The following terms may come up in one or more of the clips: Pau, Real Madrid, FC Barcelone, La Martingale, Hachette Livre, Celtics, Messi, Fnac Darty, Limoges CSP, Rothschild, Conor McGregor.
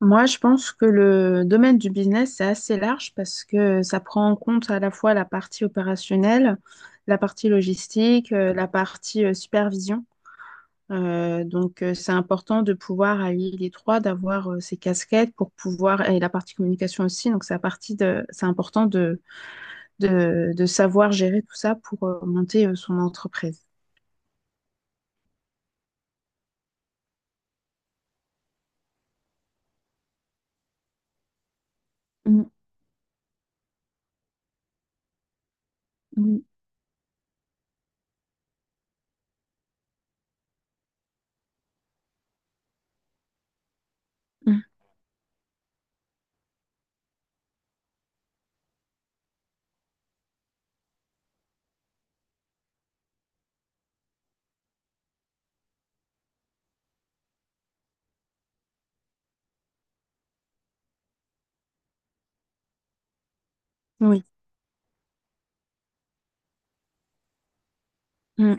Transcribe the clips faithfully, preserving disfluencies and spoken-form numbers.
Moi, je pense que le domaine du business, c'est assez large parce que ça prend en compte à la fois la partie opérationnelle, la partie logistique, euh, la partie euh, supervision. Euh, donc, euh, c'est important de pouvoir allier les trois, d'avoir euh, ces casquettes pour pouvoir, et la partie communication aussi. Donc, c'est la partie de, c'est important de, de, de savoir gérer tout ça pour euh, monter euh, son entreprise. Mm, oui, mm. Oui. Mm.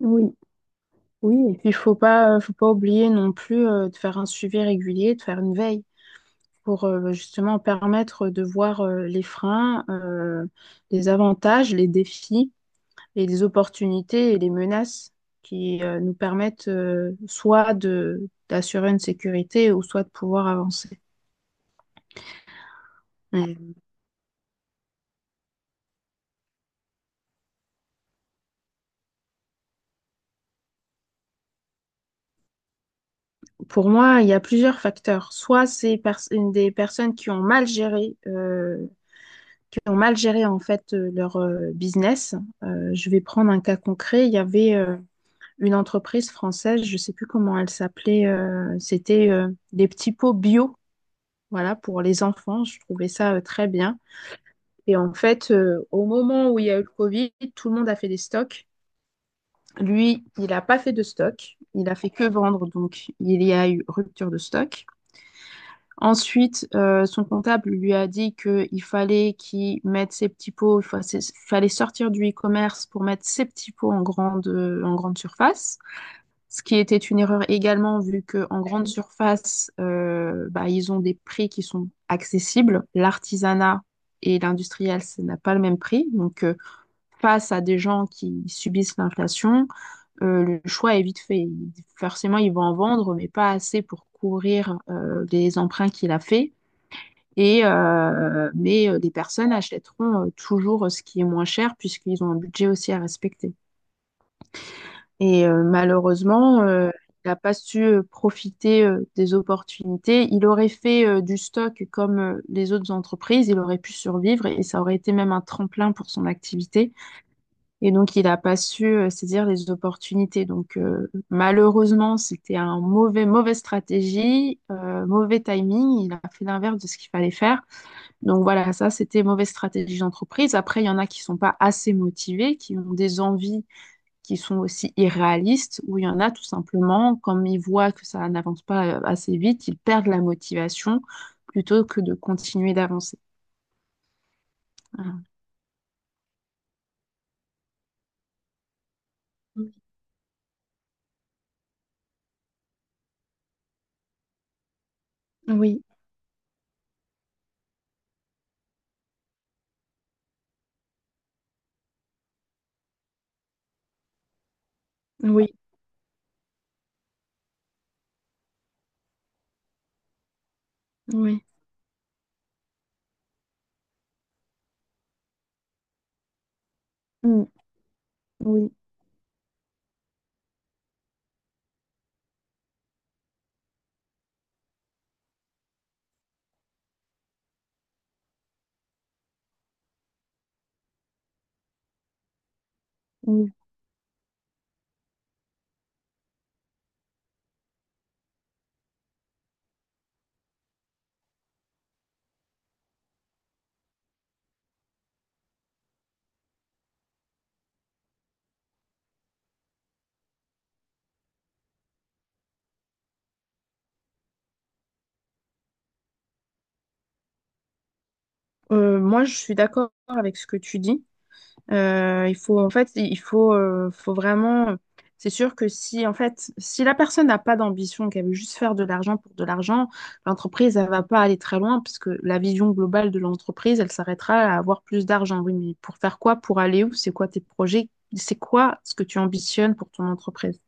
Oui. Oui, et puis il faut pas, euh, faut pas oublier non plus euh, de faire un suivi régulier, de faire une veille pour euh, justement permettre de voir euh, les freins, euh, les avantages, les défis et les opportunités et les menaces qui euh, nous permettent euh, soit de d'assurer une sécurité ou soit de pouvoir avancer. Mais pour moi, il y a plusieurs facteurs. Soit c'est pers- une des personnes qui ont mal géré euh, ont mal géré en fait euh, leur euh, business. Euh, je vais prendre un cas concret. Il y avait euh, une entreprise française, je ne sais plus comment elle s'appelait. Euh, c'était euh, des petits pots bio, voilà, pour les enfants. Je trouvais ça euh, très bien. Et en fait, euh, au moment où il y a eu le Covid, tout le monde a fait des stocks. Lui, il n'a pas fait de stock. Il a fait que vendre, donc il y a eu rupture de stock. Ensuite, euh, son comptable lui a dit qu'il fallait qu'il mette ses petits pots, il fa- c'est- fallait sortir du e-commerce pour mettre ses petits pots en grande, en grande surface, ce qui était une erreur également vu qu'en grande surface, euh, bah, ils ont des prix qui sont accessibles. L'artisanat et l'industriel, ça n'a pas le même prix. Donc, euh, face à des gens qui subissent l'inflation, euh, le choix est vite fait. Il- Forcément, ils vont en vendre, mais pas assez pour couvrir euh, les emprunts qu'il a faits. Et, euh, mais euh, les personnes achèteront euh, toujours euh, ce qui est moins cher puisqu'ils ont un budget aussi à respecter. Et euh, malheureusement, euh, il n'a pas su euh, profiter euh, des opportunités. Il aurait fait euh, du stock comme euh, les autres entreprises, il aurait pu survivre et ça aurait été même un tremplin pour son activité. Et donc, il n'a pas su euh, saisir les opportunités. Donc, euh, malheureusement, c'était un mauvais, mauvaise stratégie, euh, mauvais timing. Il a fait l'inverse de ce qu'il fallait faire. Donc voilà, ça, c'était mauvaise stratégie d'entreprise. Après, il y en a qui sont pas assez motivés, qui ont des envies qui sont aussi irréalistes, ou il y en a tout simplement, comme ils voient que ça n'avance pas euh, assez vite, ils perdent la motivation plutôt que de continuer d'avancer. Voilà. Oui, oui, oui. Mm, oui, oui. Euh, moi, je suis d'accord avec ce que tu dis. Euh, il faut en fait, il faut, euh, Faut vraiment. C'est sûr que si en fait, si la personne n'a pas d'ambition, qu'elle veut juste faire de l'argent pour de l'argent, l'entreprise, elle va pas aller très loin parce que la vision globale de l'entreprise, elle s'arrêtera à avoir plus d'argent. Oui, mais pour faire quoi? Pour aller où? C'est quoi tes projets? C'est quoi ce que tu ambitionnes pour ton entreprise?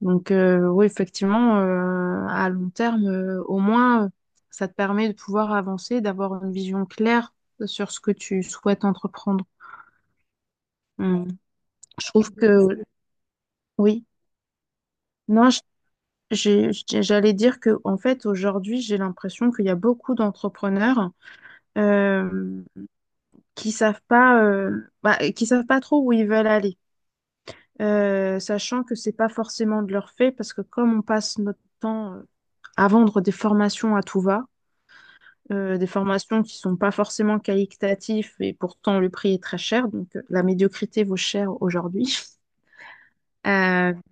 Donc euh, oui, effectivement, euh, à long terme, euh, au moins, euh, ça te permet de pouvoir avancer, d'avoir une vision claire sur ce que tu souhaites entreprendre. Mm. Je trouve que oui. Non, je- j'ai- j'ai- J'allais dire que en fait aujourd'hui j'ai l'impression qu'il y a beaucoup d'entrepreneurs euh, qui savent pas, euh, bah, qui savent pas trop où ils veulent aller. Euh, sachant que c'est pas forcément de leur fait parce que comme on passe notre temps euh, à vendre des formations à tout va, euh, des formations qui sont pas forcément qualitatives et pourtant le prix est très cher, donc euh, la médiocrité vaut cher aujourd'hui.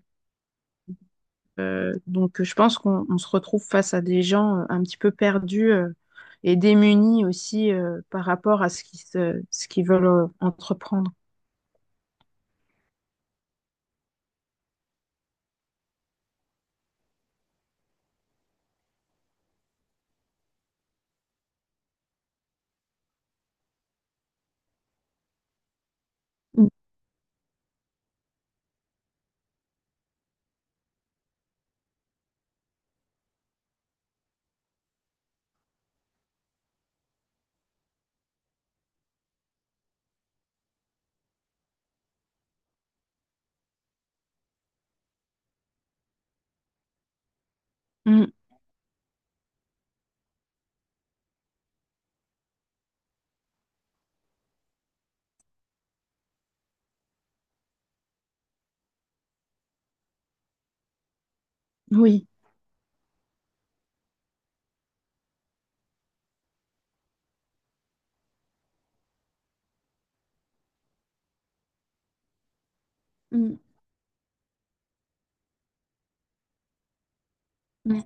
Euh, donc, je pense qu'on on se retrouve face à des gens euh, un petit peu perdus euh, et démunis aussi euh, par rapport à ce qu'ils se- ce qu'ils veulent euh, entreprendre. Mm, mm, oui. Mm, mm.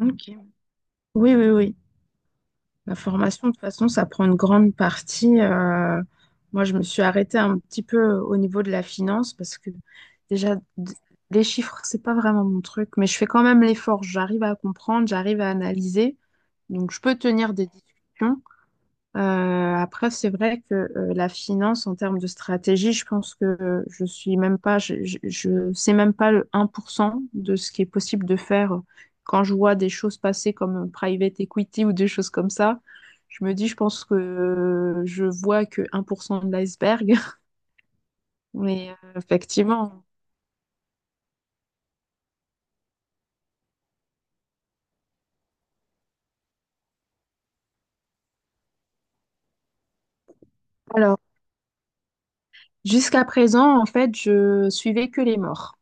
Ok. Oui, oui, oui. La formation, de toute façon, ça prend une grande partie. Euh, moi, je me suis arrêtée un petit peu au niveau de la finance parce que déjà, d- les chiffres, c'est pas vraiment mon truc, mais je fais quand même l'effort. J'arrive à comprendre, j'arrive à analyser. Donc, je peux tenir des discussions. Euh, après, c'est vrai que euh, la finance, en termes de stratégie, je pense que euh, je suis même pas, je, je, je sais même pas le un pour cent de ce qui est possible de faire euh, quand je vois des choses passer comme euh, private equity ou des choses comme ça. Je me dis, je pense que euh, je vois que un pour cent de l'iceberg. Mais euh, effectivement. Alors, jusqu'à présent, en fait, je suivais que les morts.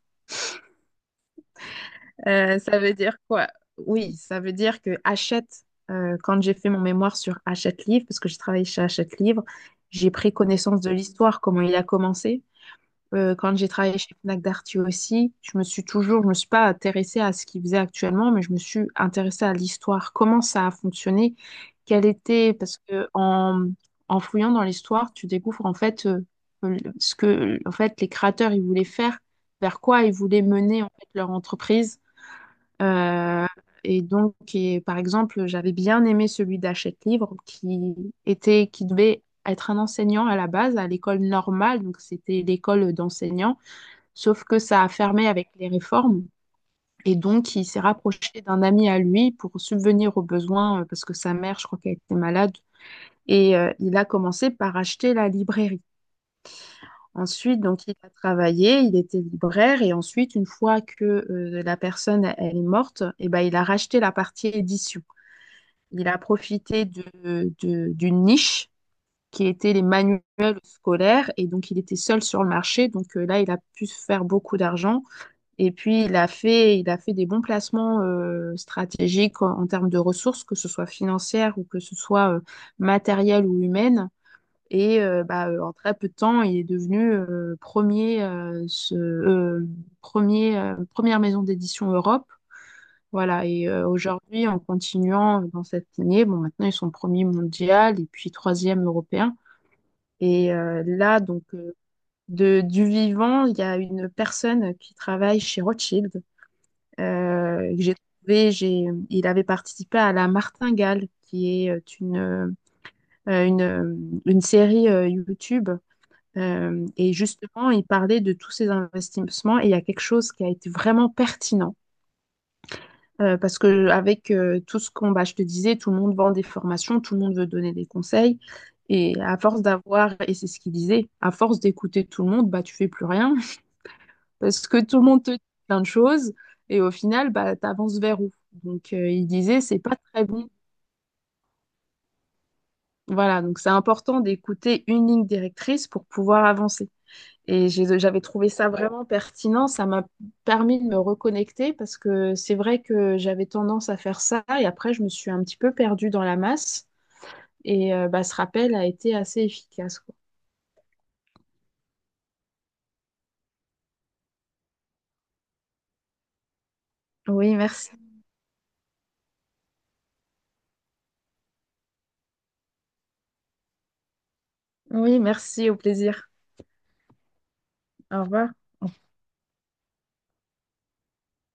Euh, ça veut dire quoi? Oui, ça veut dire que Hachette, euh, quand j'ai fait mon mémoire sur Hachette Livre, parce que j'ai travaillé chez Hachette Livre, j'ai pris connaissance de l'histoire, comment il a commencé. Euh, quand j'ai travaillé chez Fnac Darty aussi, je me suis toujours, je me suis pas intéressée à ce qu'ils faisaient actuellement, mais je me suis intéressée à l'histoire, comment ça a fonctionné, quelle était, parce que en, en fouillant dans l'histoire, tu découvres en fait euh, ce que en fait les créateurs ils voulaient faire, vers quoi ils voulaient mener en fait leur entreprise, euh, et donc, et par exemple, j'avais bien aimé celui d'Hachette Livre qui était, qui devait être un enseignant à la base à l'école normale, donc c'était l'école d'enseignants, sauf que ça a fermé avec les réformes. Et donc, il s'est rapproché d'un ami à lui pour subvenir aux besoins euh, parce que sa mère, je crois qu'elle était malade. Et euh, il a commencé par acheter la librairie. Ensuite, donc, il a travaillé, il était libraire, et ensuite, une fois que euh, la personne elle est morte, eh ben, il a racheté la partie édition. Il a profité de, de- d'une niche qui était les manuels scolaires, et donc il était seul sur le marché. Donc euh, là, il a pu se faire beaucoup d'argent. Et puis, il a fait, il a fait des bons placements euh, stratégiques en, en termes de ressources, que ce soit financières ou que ce soit euh, matérielles ou humaines. Et euh, bah, euh, en très peu de temps, il est devenu euh, premier, euh, ce- euh, premier, euh, première maison d'édition Europe. Voilà, et euh, aujourd'hui, en continuant dans cette lignée, bon, maintenant ils sont premiers mondial et puis troisième européen. Et euh, là, donc, euh, de, du vivant, il y a une personne qui travaille chez Rothschild, euh, que j'ai trouvé, j'ai, il avait participé à La Martingale, qui est euh, une, euh, une, euh, une série euh, YouTube, euh, et justement, il parlait de tous ces investissements et il y a quelque chose qui a été vraiment pertinent. Euh, parce que avec euh, tout ce qu'on, bah, je te disais, tout le monde vend des formations, tout le monde veut donner des conseils. Et à force d'avoir, et c'est ce qu'il disait, à force d'écouter tout le monde, bah, tu fais plus rien. Parce que tout le monde te dit plein de choses. Et au final, bah, tu avances vers où? Donc, euh, il disait, c'est pas très bon. Voilà, donc c'est important d'écouter une ligne directrice pour pouvoir avancer. Et j'ai- j'avais trouvé ça vraiment pertinent. Ça m'a permis de me reconnecter parce que c'est vrai que j'avais tendance à faire ça et après, je me suis un petit peu perdue dans la masse. Et euh, bah, ce rappel a été assez efficace, quoi. Oui, merci. Oui, merci, au plaisir. Au revoir.